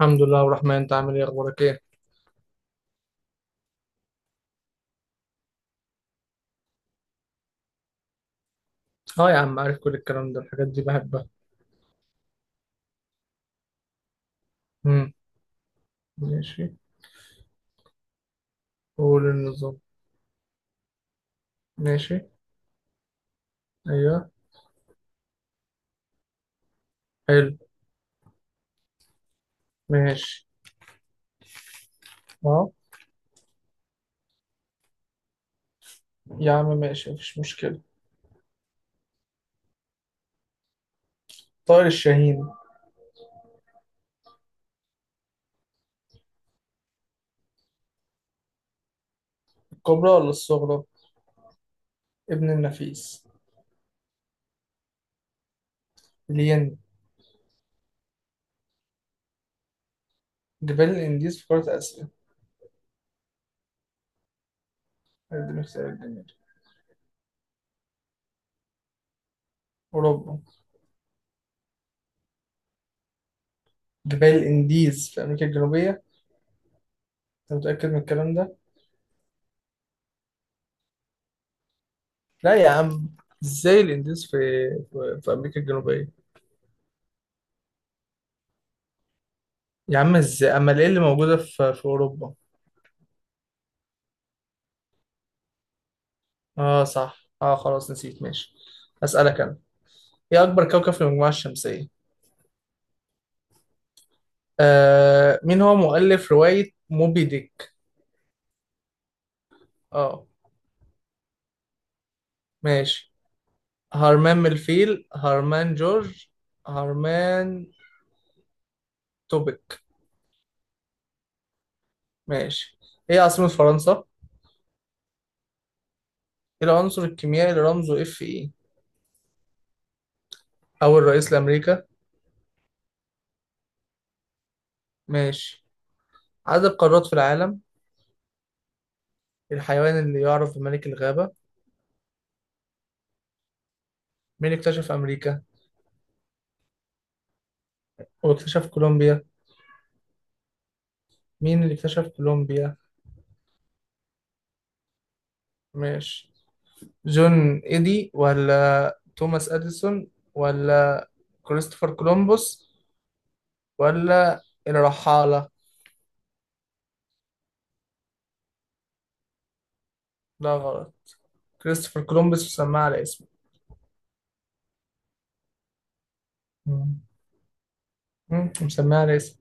الحمد لله والرحمن، انت عامل ايه؟ اخبارك ايه؟ اه يا عم عارف، كل الكلام ده الحاجات دي بحبها. امم ماشي. قول النظام. ماشي. ايوه. حلو. ماشي. اه. يا عم ماشي مفيش مشكلة. طائر الشاهين. الكبرى ولا الصغرى؟ ابن النفيس. الين. جبال الانديز في قارة اسيا. هذه اختيار الجميل. اوروبا. جبال الانديز في امريكا الجنوبية. انت متأكد من الكلام ده؟ لا يا عم، ازاي الانديز في في امريكا الجنوبية؟ يا عم ازاي؟ امال ايه اللي موجودة في اوروبا؟ اه صح، اه خلاص نسيت. ماشي اسالك انا. ايه اكبر كوكب في المجموعه الشمسيه؟ آه، مين هو مؤلف روايه موبي ديك؟ اه ماشي. هرمان ملفيل، هرمان جورج، هرمان توبك. ماشي. ايه عاصمه فرنسا؟ ايه العنصر الكيميائي اللي رمزه اف اي؟ اول رئيس لامريكا؟ ماشي. عدد قارات في العالم؟ الحيوان اللي يعرف بملك الغابه؟ مين اكتشف امريكا؟ واكتشف كولومبيا؟ مين اللي اكتشف كولومبيا؟ ماشي، جون إيدي ولا توماس أديسون ولا كريستوفر كولومبوس ولا الرحالة؟ لا غلط، كريستوفر كولومبوس مسماه على اسمه. مم. مم، مسماه على اسمه.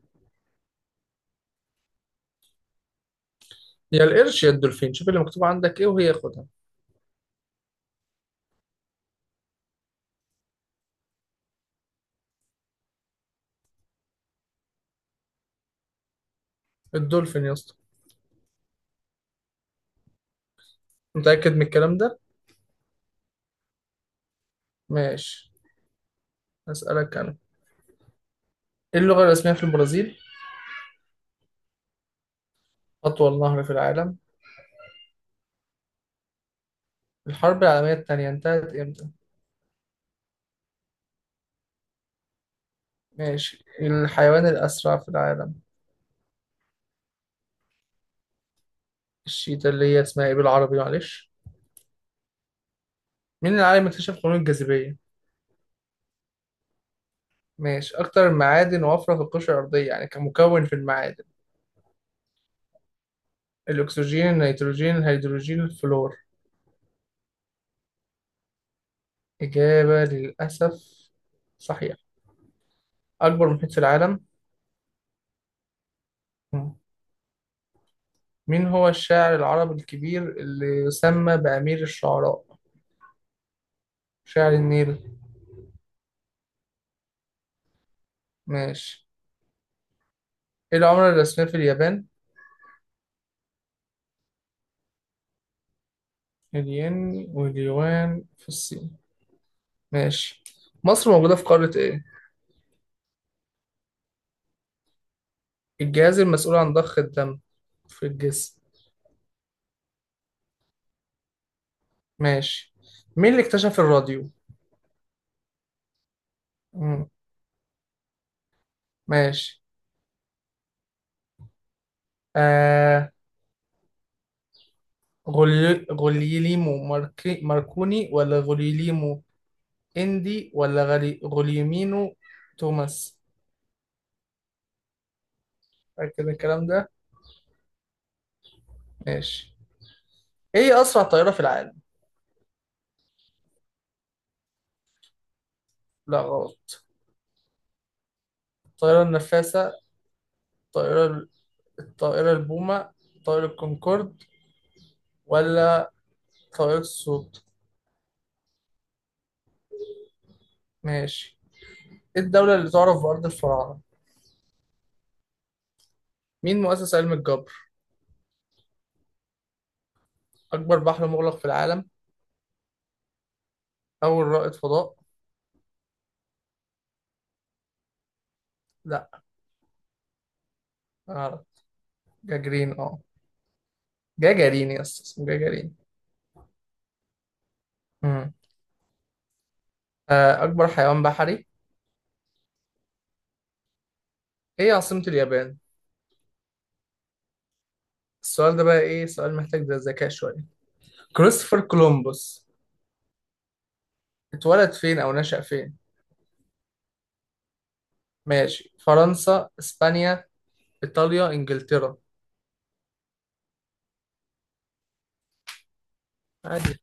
يا القرش يا الدولفين، شوف اللي مكتوب عندك ايه وهي خدها. الدولفين يا اسطى. متأكد من الكلام ده؟ ماشي أسألك أنا. ايه اللغة الرسمية في البرازيل؟ أطول نهر في العالم؟ الحرب العالمية التانية انتهت امتى؟ ماشي. الحيوان الأسرع في العالم؟ الشيتا اللي هي اسمها ايه بالعربي معلش؟ مين العالم اللي اكتشف قانون الجاذبية؟ ماشي. أكتر المعادن وفرة في القشرة الأرضية، يعني كمكون في المعادن؟ الأكسجين، النيتروجين، الهيدروجين، الفلور. إجابة للأسف صحيح. أكبر محيط في العالم؟ مم. مين هو الشاعر العربي الكبير اللي يسمى بأمير الشعراء؟ شاعر النيل. ماشي. إيه العملة الرسمية في اليابان؟ الين واليوان في الصين. ماشي. مصر موجودة في قارة إيه؟ الجهاز المسؤول عن ضخ الدم في الجسم؟ ماشي. مين اللي اكتشف الراديو؟ مم. ماشي. آه غوليليمو ماركي ماركوني، ولا غوليليمو اندي، ولا غلي غوليمينو، توماس؟ فاكر الكلام ده؟ ماشي. ايه أسرع طائرة في العالم؟ لا غلط. الطائرة النفاثة، الطائرة، الطائرة البومة، طائرة الكونكورد، ولا طائرة الصوت؟ ماشي. ايه الدولة اللي تعرف بأرض الفراعنة؟ مين مؤسس علم الجبر؟ أكبر بحر مغلق في العالم؟ أول رائد فضاء؟ لا أعرف. جاجرين، أه جاجرين يا اسطى اسمه جاجرين. مم. آه، أكبر حيوان بحري. إيه عاصمة اليابان؟ السؤال ده بقى إيه، سؤال محتاج ده ذكاء شوية. كريستوفر كولومبوس اتولد فين أو نشأ فين؟ ماشي، فرنسا، إسبانيا، إيطاليا، إنجلترا. عادي.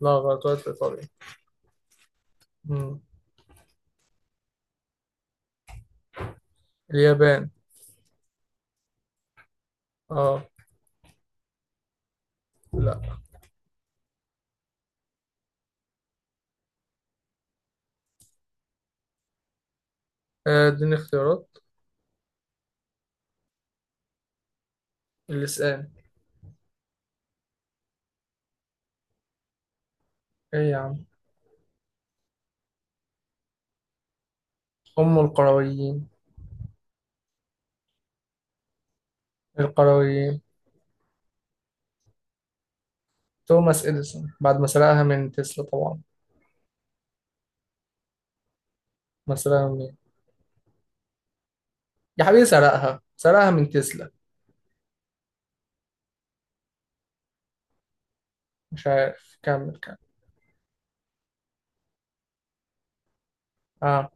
لا غلط، اتولد في إيطاليا. مم. اليابان. أه. لا. آه، اديني اختيارات. اللسان. إيه يا عم؟ أم القرويين. القرويين. توماس إديسون، بعد ما سرقها من تسلا طبعا. مثلا. يا حبيبي، سرقها سرقها من تسلا. مش عارف، كمل كمل. اه.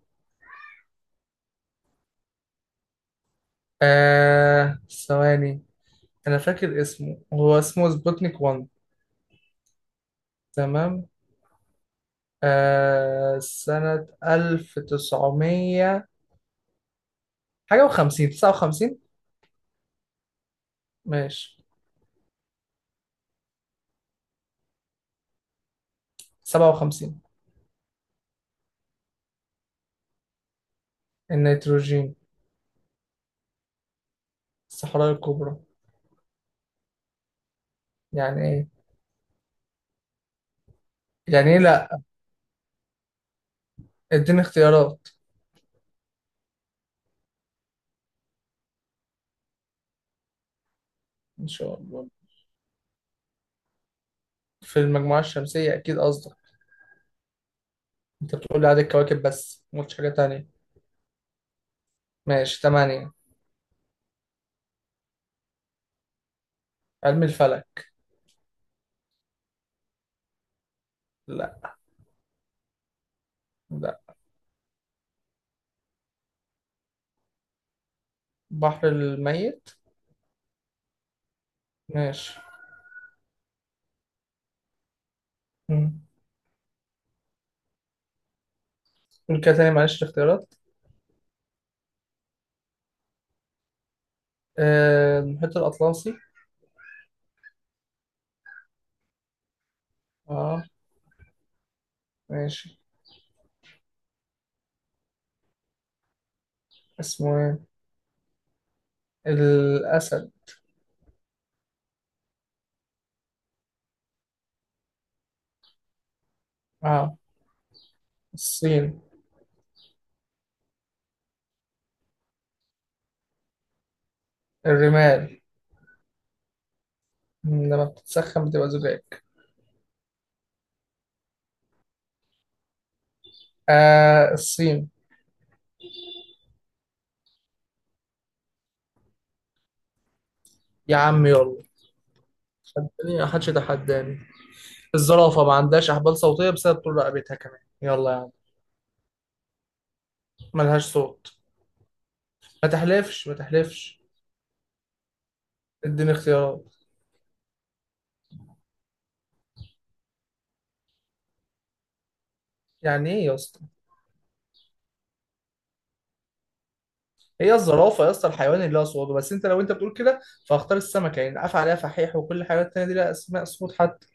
آه ثواني، انا فاكر اسمه، هو اسمه سبوتنيك 1. تمام. آه سنة 1900 حاجة وخمسين، تسعة وخمسين. ماشي. سبعة وخمسين. النيتروجين. الصحراء الكبرى. يعني ايه؟ يعني ايه لا؟ اديني اختيارات. ان شاء الله. في المجموعة الشمسية اكيد قصدك؟ انت بتقول لي عدد الكواكب بس ما قلتش حاجة تانية. ماشي، تمانية. علم الفلك. لا. بحر الميت. ماشي. مم. قول كده تاني معلش الاختيارات. آه، المحيط الأطلسي. اه. ماشي. اسمه ايه؟ الأسد. اه. الصين. الرمال. مم، لما بتتسخن بتبقى زجاج. آه الصين. يا عم يلا. خدني، ما حدش يتحداني. الزرافة ما عندهاش أحبال صوتية بسبب طول رقبتها كمان، يلا يا عم. ملهاش صوت. ما تحلفش ما تحلفش. اديني اختيارات. يعني ايه يا اسطى؟ هي الزرافه يا اسطى الحيوان اللي له صوابع، بس انت لو انت بتقول كده فاختار السمكه، يعني عفى عليها فحيح وكل الحيوانات التانيه دي لها اسماء صوت حتى.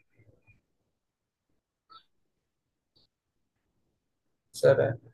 سابع.